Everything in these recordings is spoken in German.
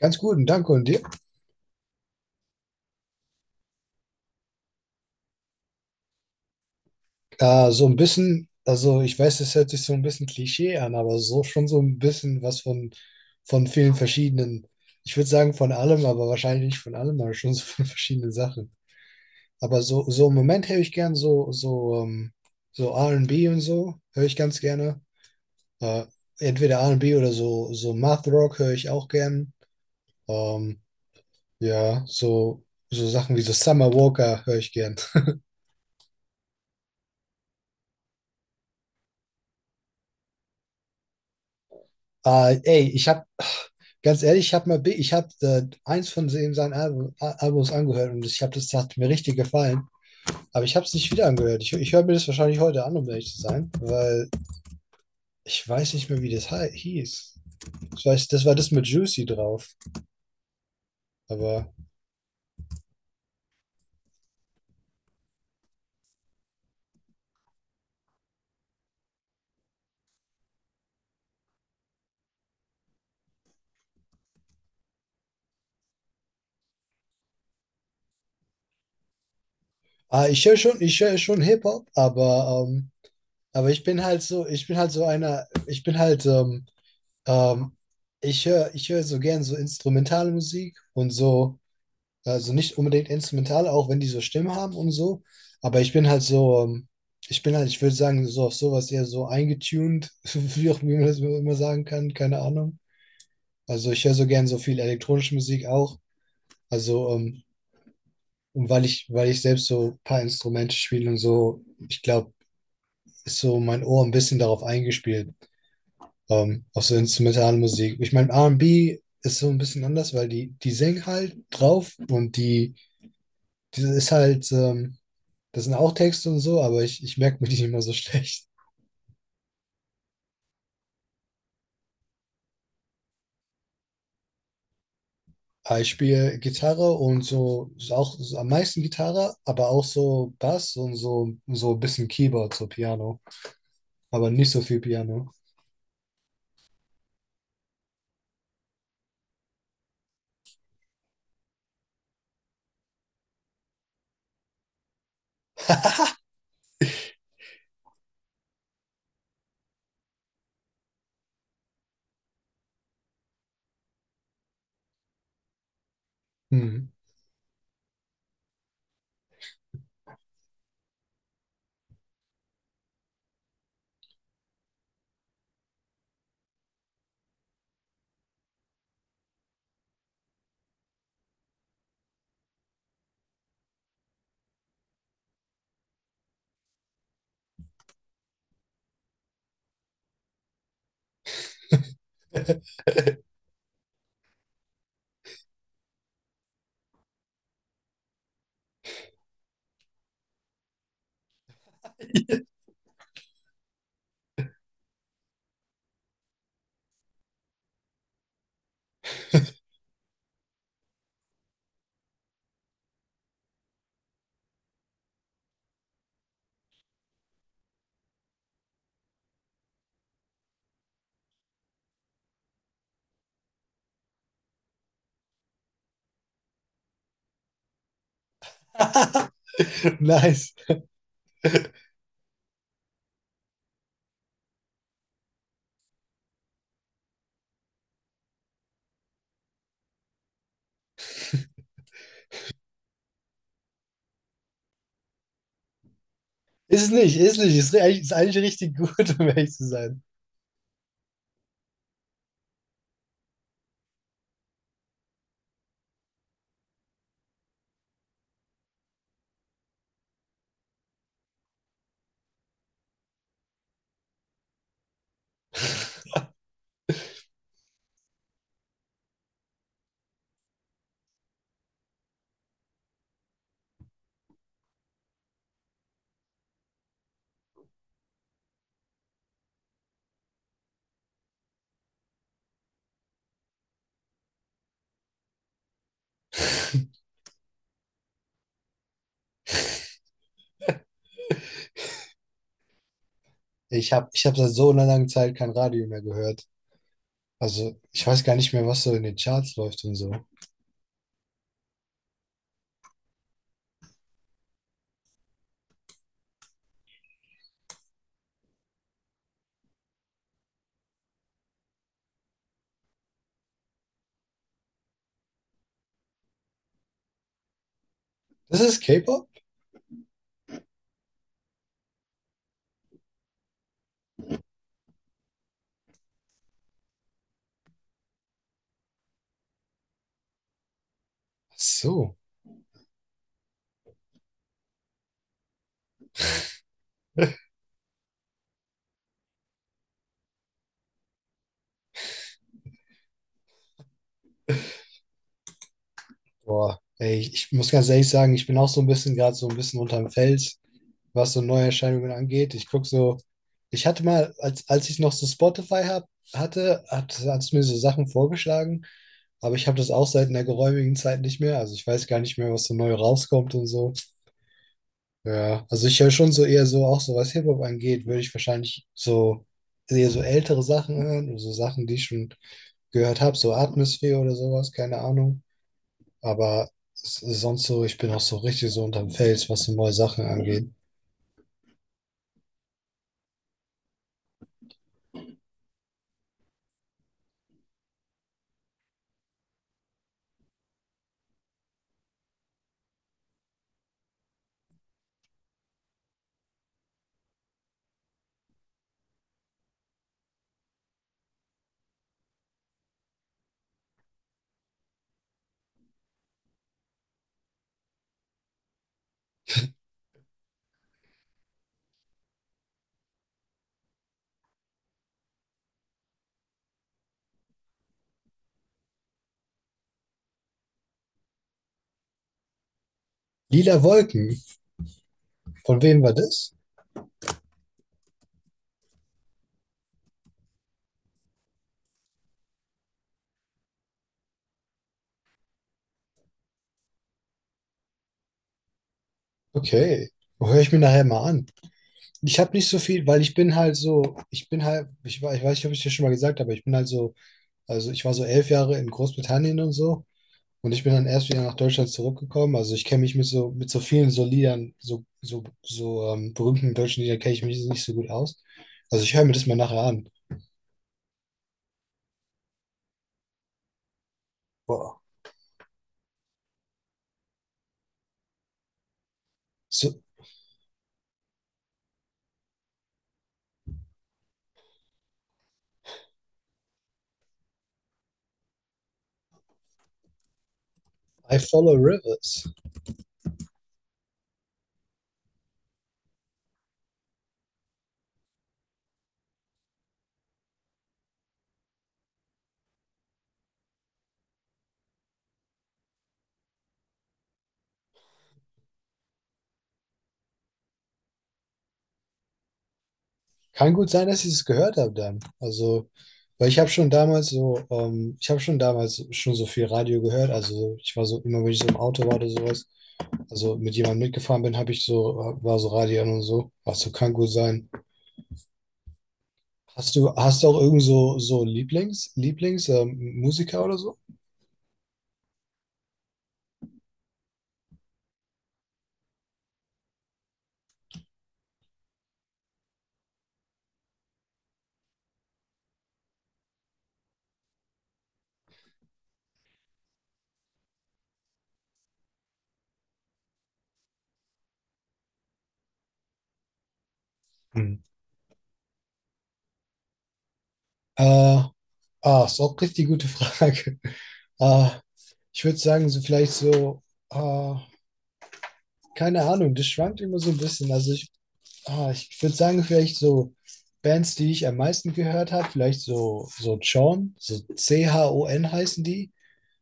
Ganz guten Dank und dir. So ein bisschen, also ich weiß, es hört sich so ein bisschen Klischee an, aber so schon so ein bisschen was von, vielen verschiedenen, ich würde sagen von allem, aber wahrscheinlich nicht von allem, aber schon so von verschiedenen Sachen. Aber so, so im Moment höre ich gern so R&B und B und so, höre ich ganz gerne. Äh, entweder R und B oder so, so, Math Rock höre ich auch gern. Ähm, ja, so Sachen wie so Summer Walker höre ich gern. Ey, ich habe Ganz ehrlich, ich habe mal, ich habe eins von seinen Alben, Albums angehört, und ich habe das, das hat mir richtig gefallen. Aber ich habe es nicht wieder angehört. Ich höre mir das wahrscheinlich heute an, um ehrlich zu sein, weil ich weiß nicht mehr, wie das hieß. Ich weiß, das war das mit Juicy drauf. Aber ah, ich höre schon Hip Hop, aber ich bin halt so, ich bin halt so einer, ich bin halt ähm, ich höre so gern so instrumentale Musik und so. Also nicht unbedingt instrumental, auch wenn die so Stimmen haben und so. Aber ich bin halt so, ich bin halt, ich würde sagen, so auf sowas eher so eingetuned, wie auch wie man das immer sagen kann, keine Ahnung. Also ich höre so gern so viel elektronische Musik auch. Also, und weil ich selbst so ein paar Instrumente spiele und so, ich glaube, ist so mein Ohr ein bisschen darauf eingespielt, auf so instrumentale Musik. Ich meine, R und B ist so ein bisschen anders, weil die, die singen halt drauf und die, die ist halt. Das sind auch Texte und so, aber ich merke mir die immer so schlecht. Aber ich spiele Gitarre und so, ist auch so am meisten Gitarre, aber auch so Bass und so, so ein bisschen Keyboard, so Piano. Aber nicht so viel Piano. Hm. Nice. Ist nicht, ist nicht. Ist eigentlich richtig gut, um ehrlich zu sein. Ich hab seit so einer langen Zeit kein Radio mehr gehört. Also, ich weiß gar nicht mehr, was so in den Charts läuft und so. Das ist K-Pop? Ach so. Boah, ey, ich muss ganz ehrlich sagen, ich bin auch so ein bisschen gerade so ein bisschen unterm Fels, was so Neuerscheinungen angeht. Ich gucke so, ich hatte mal, als ich noch so Spotify hatte, hat es mir so Sachen vorgeschlagen, aber ich habe das auch seit einer geräumigen Zeit nicht mehr. Also ich weiß gar nicht mehr, was so neu rauskommt und so. Ja, also ich höre schon so eher so, auch so was Hip-Hop angeht, würde ich wahrscheinlich so eher so ältere Sachen hören, so Sachen, die ich schon gehört habe, so Atmosphäre oder sowas, keine Ahnung. Aber sonst so, ich bin auch so richtig so unterm Fels, was so neue Sachen angeht. Lila Wolken, von wem war das? Okay, höre ich mir nachher mal an. Ich habe nicht so viel, weil ich bin halt so, ich bin halt, ich weiß nicht, ob ich dir schon mal gesagt habe, aber ich bin halt so, also ich war so 11 Jahre in Großbritannien und so und ich bin dann erst wieder nach Deutschland zurückgekommen. Also ich kenne mich mit so vielen so Liedern, berühmten deutschen Liedern kenne ich mich nicht so gut aus. Also ich höre mir das mal nachher an. Wow. So, I follow rivers. Kann gut sein, dass ich es gehört habe dann. Also, weil ich habe schon damals schon so viel Radio gehört. Also ich war so, immer wenn ich so im Auto war oder sowas, also mit jemandem mitgefahren bin, habe ich so, war so Radio an und so. Also kann gut sein. Hast du auch irgend so, Musiker oder so? Hm. Äh, ah, ist auch richtig gute Frage. Äh, ich würde sagen, so vielleicht so, äh, keine Ahnung, das schwankt immer so ein bisschen. Also, ich würde sagen, vielleicht so Bands, die ich am meisten gehört habe, vielleicht so, so Chon, so Chon heißen die.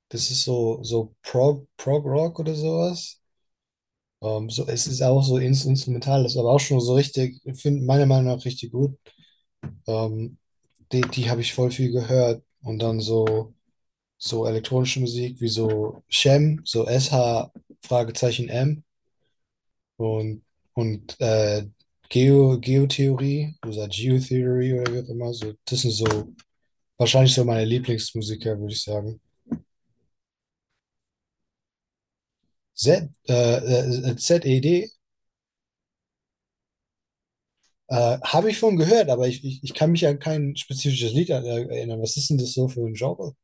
Das ist so, Prog Rock oder sowas. So, es ist auch so instrumental, das ist aber auch schon so richtig, finde meiner Meinung nach richtig gut. Ähm, die habe ich voll viel gehört. Und dann so elektronische Musik wie so Shem, so SHM Fragezeichen M. Und, und Geotheorie oder Geotheorie oder wie auch immer, so, das sind so wahrscheinlich so meine Lieblingsmusiker, würde ich sagen. Z, ZED habe ich von gehört, aber ich kann mich an kein spezifisches Lied erinnern. Was ist denn das so für ein Genre?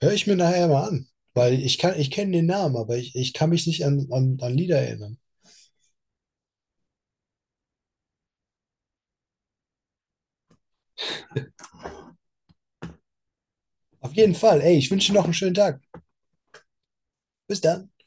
Hör ich mir nachher mal an, weil ich kann, ich kenne den Namen, aber ich kann mich nicht an Lieder erinnern. Auf jeden Fall, ey, ich wünsche dir noch einen schönen Tag. Bis dann.